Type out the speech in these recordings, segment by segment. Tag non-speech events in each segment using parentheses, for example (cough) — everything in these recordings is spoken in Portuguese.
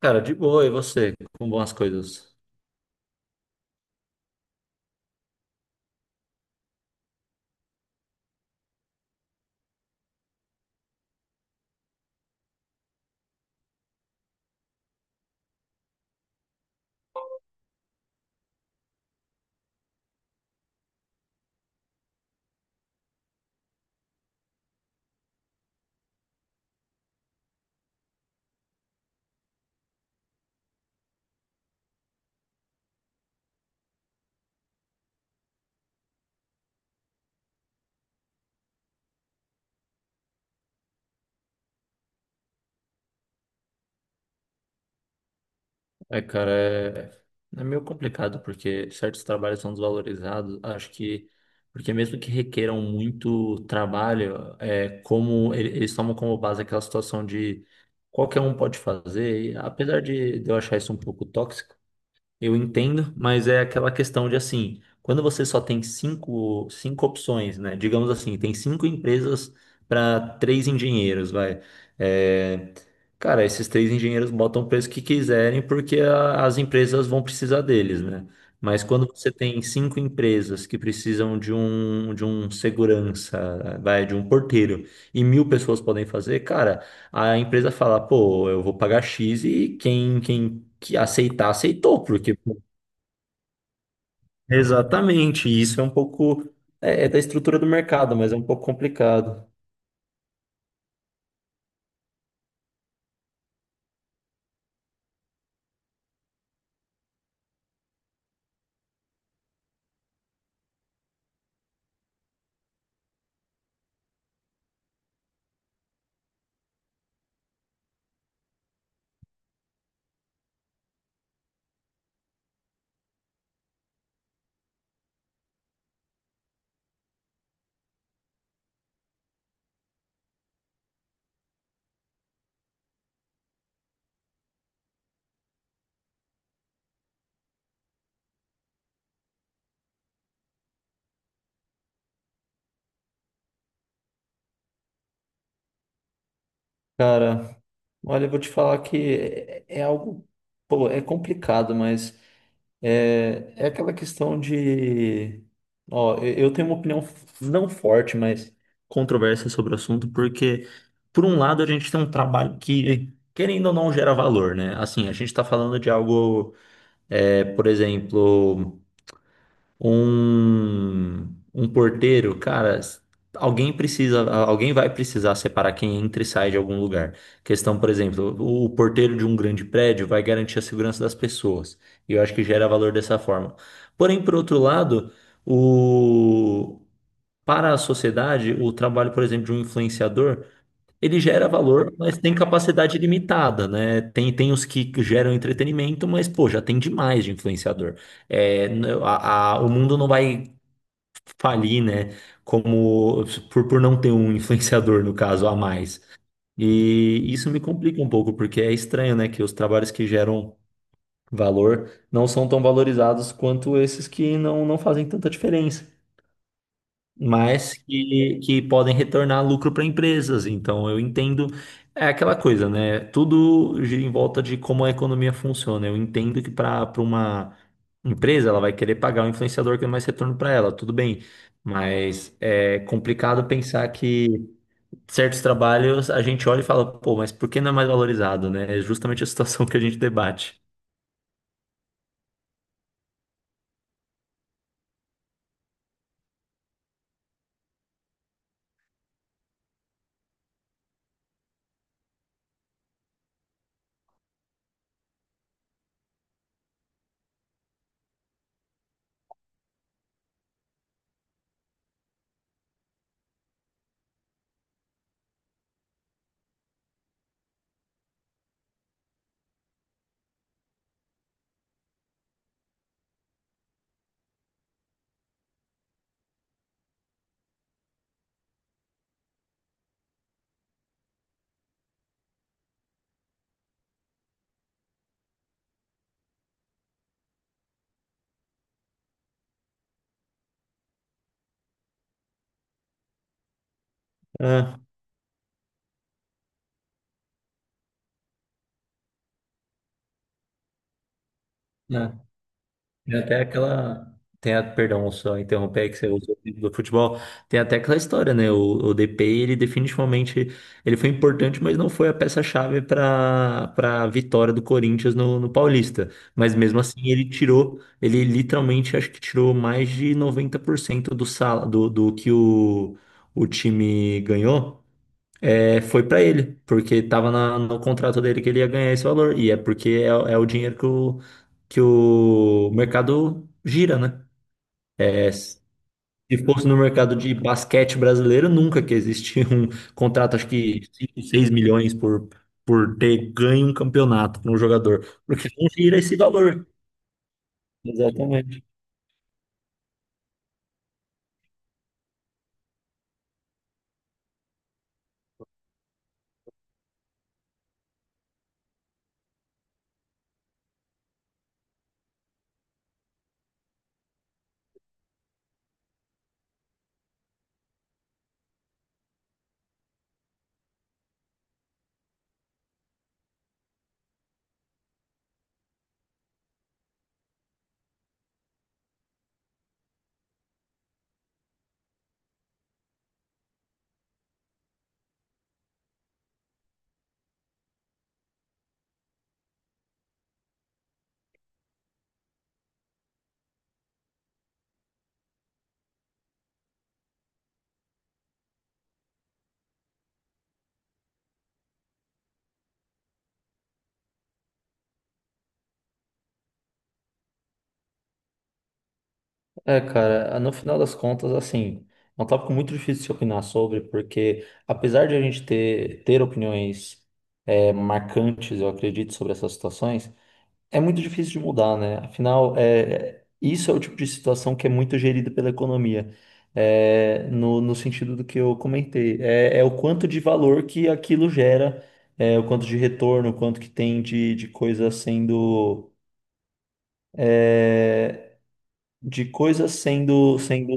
Cara, de boa, e você? Como vão as coisas? É, cara, meio complicado porque certos trabalhos são desvalorizados. Acho que, porque mesmo que requeram muito trabalho, é como eles tomam como base aquela situação de qualquer um pode fazer. E apesar de eu achar isso um pouco tóxico, eu entendo, mas é aquela questão de assim, quando você só tem cinco opções, né? Digamos assim, tem cinco empresas para três engenheiros, vai. É, cara, esses três engenheiros botam o preço que quiserem porque as empresas vão precisar deles, né? Mas quando você tem cinco empresas que precisam de um segurança, vai, de um porteiro, e 1.000 pessoas podem fazer, cara. A empresa fala, pô, eu vou pagar X e quem que aceitar, aceitou, porque pô, exatamente isso é um pouco é da estrutura do mercado, mas é um pouco complicado. Cara, olha, eu vou te falar que é algo, pô, é complicado, mas É, é aquela questão de. Ó, eu tenho uma opinião não forte, mas controversa sobre o assunto, porque, por um lado, a gente tem um trabalho que, querendo ou não, gera valor, né? Assim, a gente está falando de algo, por exemplo um, um porteiro, cara, alguém precisa, alguém vai precisar separar quem entra e sai de algum lugar. Questão, por exemplo, o porteiro de um grande prédio vai garantir a segurança das pessoas. E eu acho que gera valor dessa forma. Porém, por outro lado, o para a sociedade, o trabalho, por exemplo, de um influenciador ele gera valor, mas tem capacidade limitada, né? Tem os que geram entretenimento, mas, pô, já tem demais de influenciador. É, o mundo não vai falir, né? Como por não ter um (laughs) influenciador, no caso, a mais. E isso me complica um pouco, porque é estranho, né? Que os trabalhos que geram valor não são tão valorizados quanto esses que não fazem tanta diferença mas que podem retornar lucro para empresas. Então, eu entendo. É aquela coisa, né? Tudo gira em volta de como a economia funciona. Eu entendo que para uma empresa, ela vai querer pagar o influenciador que dá mais retorno para ela, tudo bem. Mas é complicado pensar que certos trabalhos a gente olha e fala, pô, mas por que não é mais valorizado, né? É justamente a situação que a gente debate. É, é. Tem até aquela. Tem a... Perdão, só interromper aí que você usou o exemplo do futebol. Tem até aquela história, né? O DP, ele definitivamente ele foi importante, mas não foi a peça-chave para a vitória do Corinthians no Paulista. Mas mesmo assim, ele tirou, ele literalmente acho que tirou mais de 90% do, sal, do que o time ganhou foi para ele, porque estava no contrato dele que ele ia ganhar esse valor. E é porque é o dinheiro que que o mercado gira, né? É, se fosse no mercado de basquete brasileiro, nunca que existia um contrato, acho que 5 6 milhões por ter ganho um campeonato para um jogador, porque não gira esse valor. Exatamente. É, cara, no final das contas, assim, é um tópico muito difícil de se opinar sobre, porque apesar de a gente ter opiniões é, marcantes, eu acredito, sobre essas situações, é muito difícil de mudar, né? Afinal, isso é o tipo de situação que é muito gerida pela economia, é, no sentido do que eu comentei. É o quanto de valor que aquilo gera, é, o quanto de retorno, o quanto que tem de coisa sendo. De coisas sendo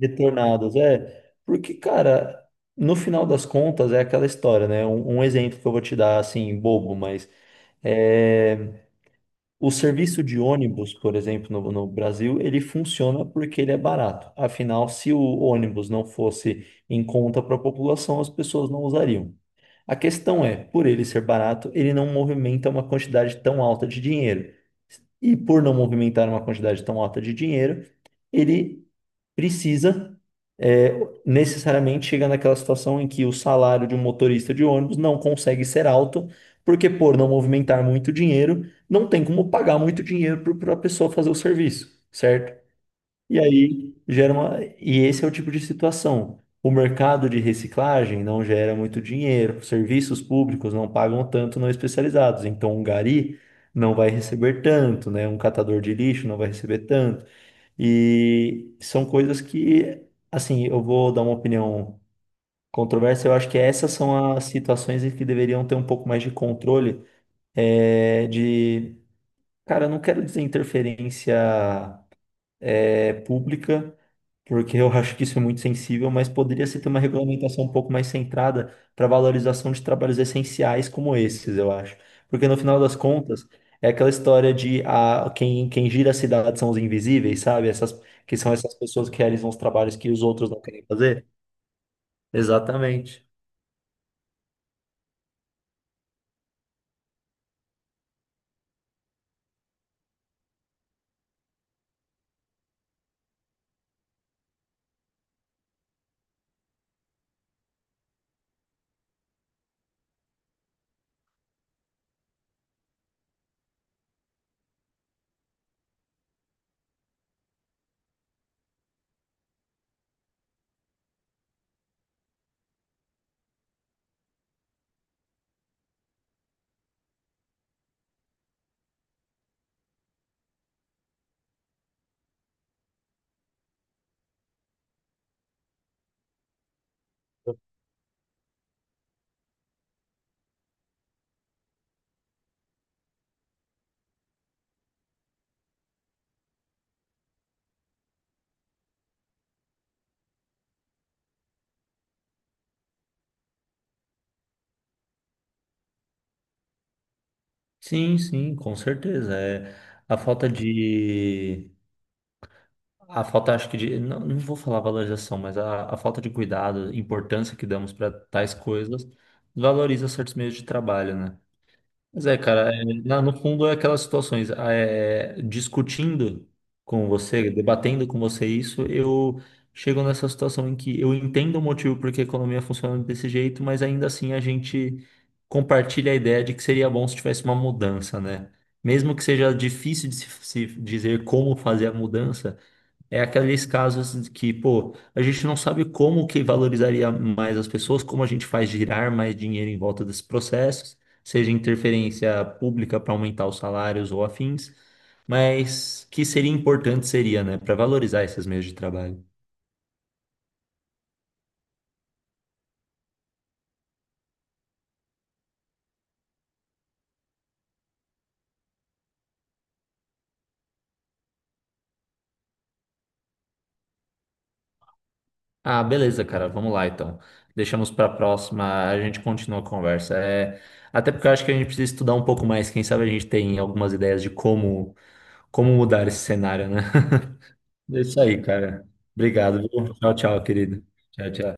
retornadas. É, porque, cara, no final das contas é aquela história, né? Um exemplo que eu vou te dar, assim, bobo, mas é, o serviço de ônibus, por exemplo, no Brasil, ele funciona porque ele é barato. Afinal, se o ônibus não fosse em conta para a população, as pessoas não usariam. A questão é, por ele ser barato, ele não movimenta uma quantidade tão alta de dinheiro. E por não movimentar uma quantidade tão alta de dinheiro, ele precisa é, necessariamente chegar naquela situação em que o salário de um motorista de ônibus não consegue ser alto, porque por não movimentar muito dinheiro, não tem como pagar muito dinheiro para a pessoa fazer o serviço, certo? E aí gera uma. E esse é o tipo de situação. O mercado de reciclagem não gera muito dinheiro, serviços públicos não pagam tanto não especializados. Então, um gari não vai receber tanto, né? Um catador de lixo não vai receber tanto. E são coisas que, assim, eu vou dar uma opinião controversa. Eu acho que essas são as situações em que deveriam ter um pouco mais de controle, é, de. Cara, eu não quero dizer interferência, é, pública porque eu acho que isso é muito sensível, mas poderia se ter uma regulamentação um pouco mais centrada para valorização de trabalhos essenciais como esses, eu acho. Porque no final das contas, é aquela história de a, quem gira a cidade são os invisíveis, sabe? Essas, que são essas pessoas que realizam os trabalhos que os outros não querem fazer. Exatamente. Sim, com certeza. É a falta de a falta, acho que de. Não, não vou falar valorização, mas a falta de cuidado, importância que damos para tais coisas, valoriza certos meios de trabalho, né? Mas é, cara, é, no fundo é aquelas situações. Ah, é, discutindo com você, debatendo com você isso, eu chego nessa situação em que eu entendo o motivo porque a economia funciona desse jeito, mas ainda assim a gente compartilha a ideia de que seria bom se tivesse uma mudança, né? Mesmo que seja difícil de se dizer como fazer a mudança. É aqueles casos que, pô, a gente não sabe como que valorizaria mais as pessoas, como a gente faz girar mais dinheiro em volta desses processos, seja interferência pública para aumentar os salários ou afins, mas que seria importante seria, né, para valorizar esses meios de trabalho. Ah, beleza, cara, vamos lá então. Deixamos para a próxima, a gente continua a conversa. É, até porque eu acho que a gente precisa estudar um pouco mais, quem sabe a gente tem algumas ideias de como, como mudar esse cenário, né? É isso aí, cara. Obrigado, viu? Tchau, tchau, querido. Tchau, tchau.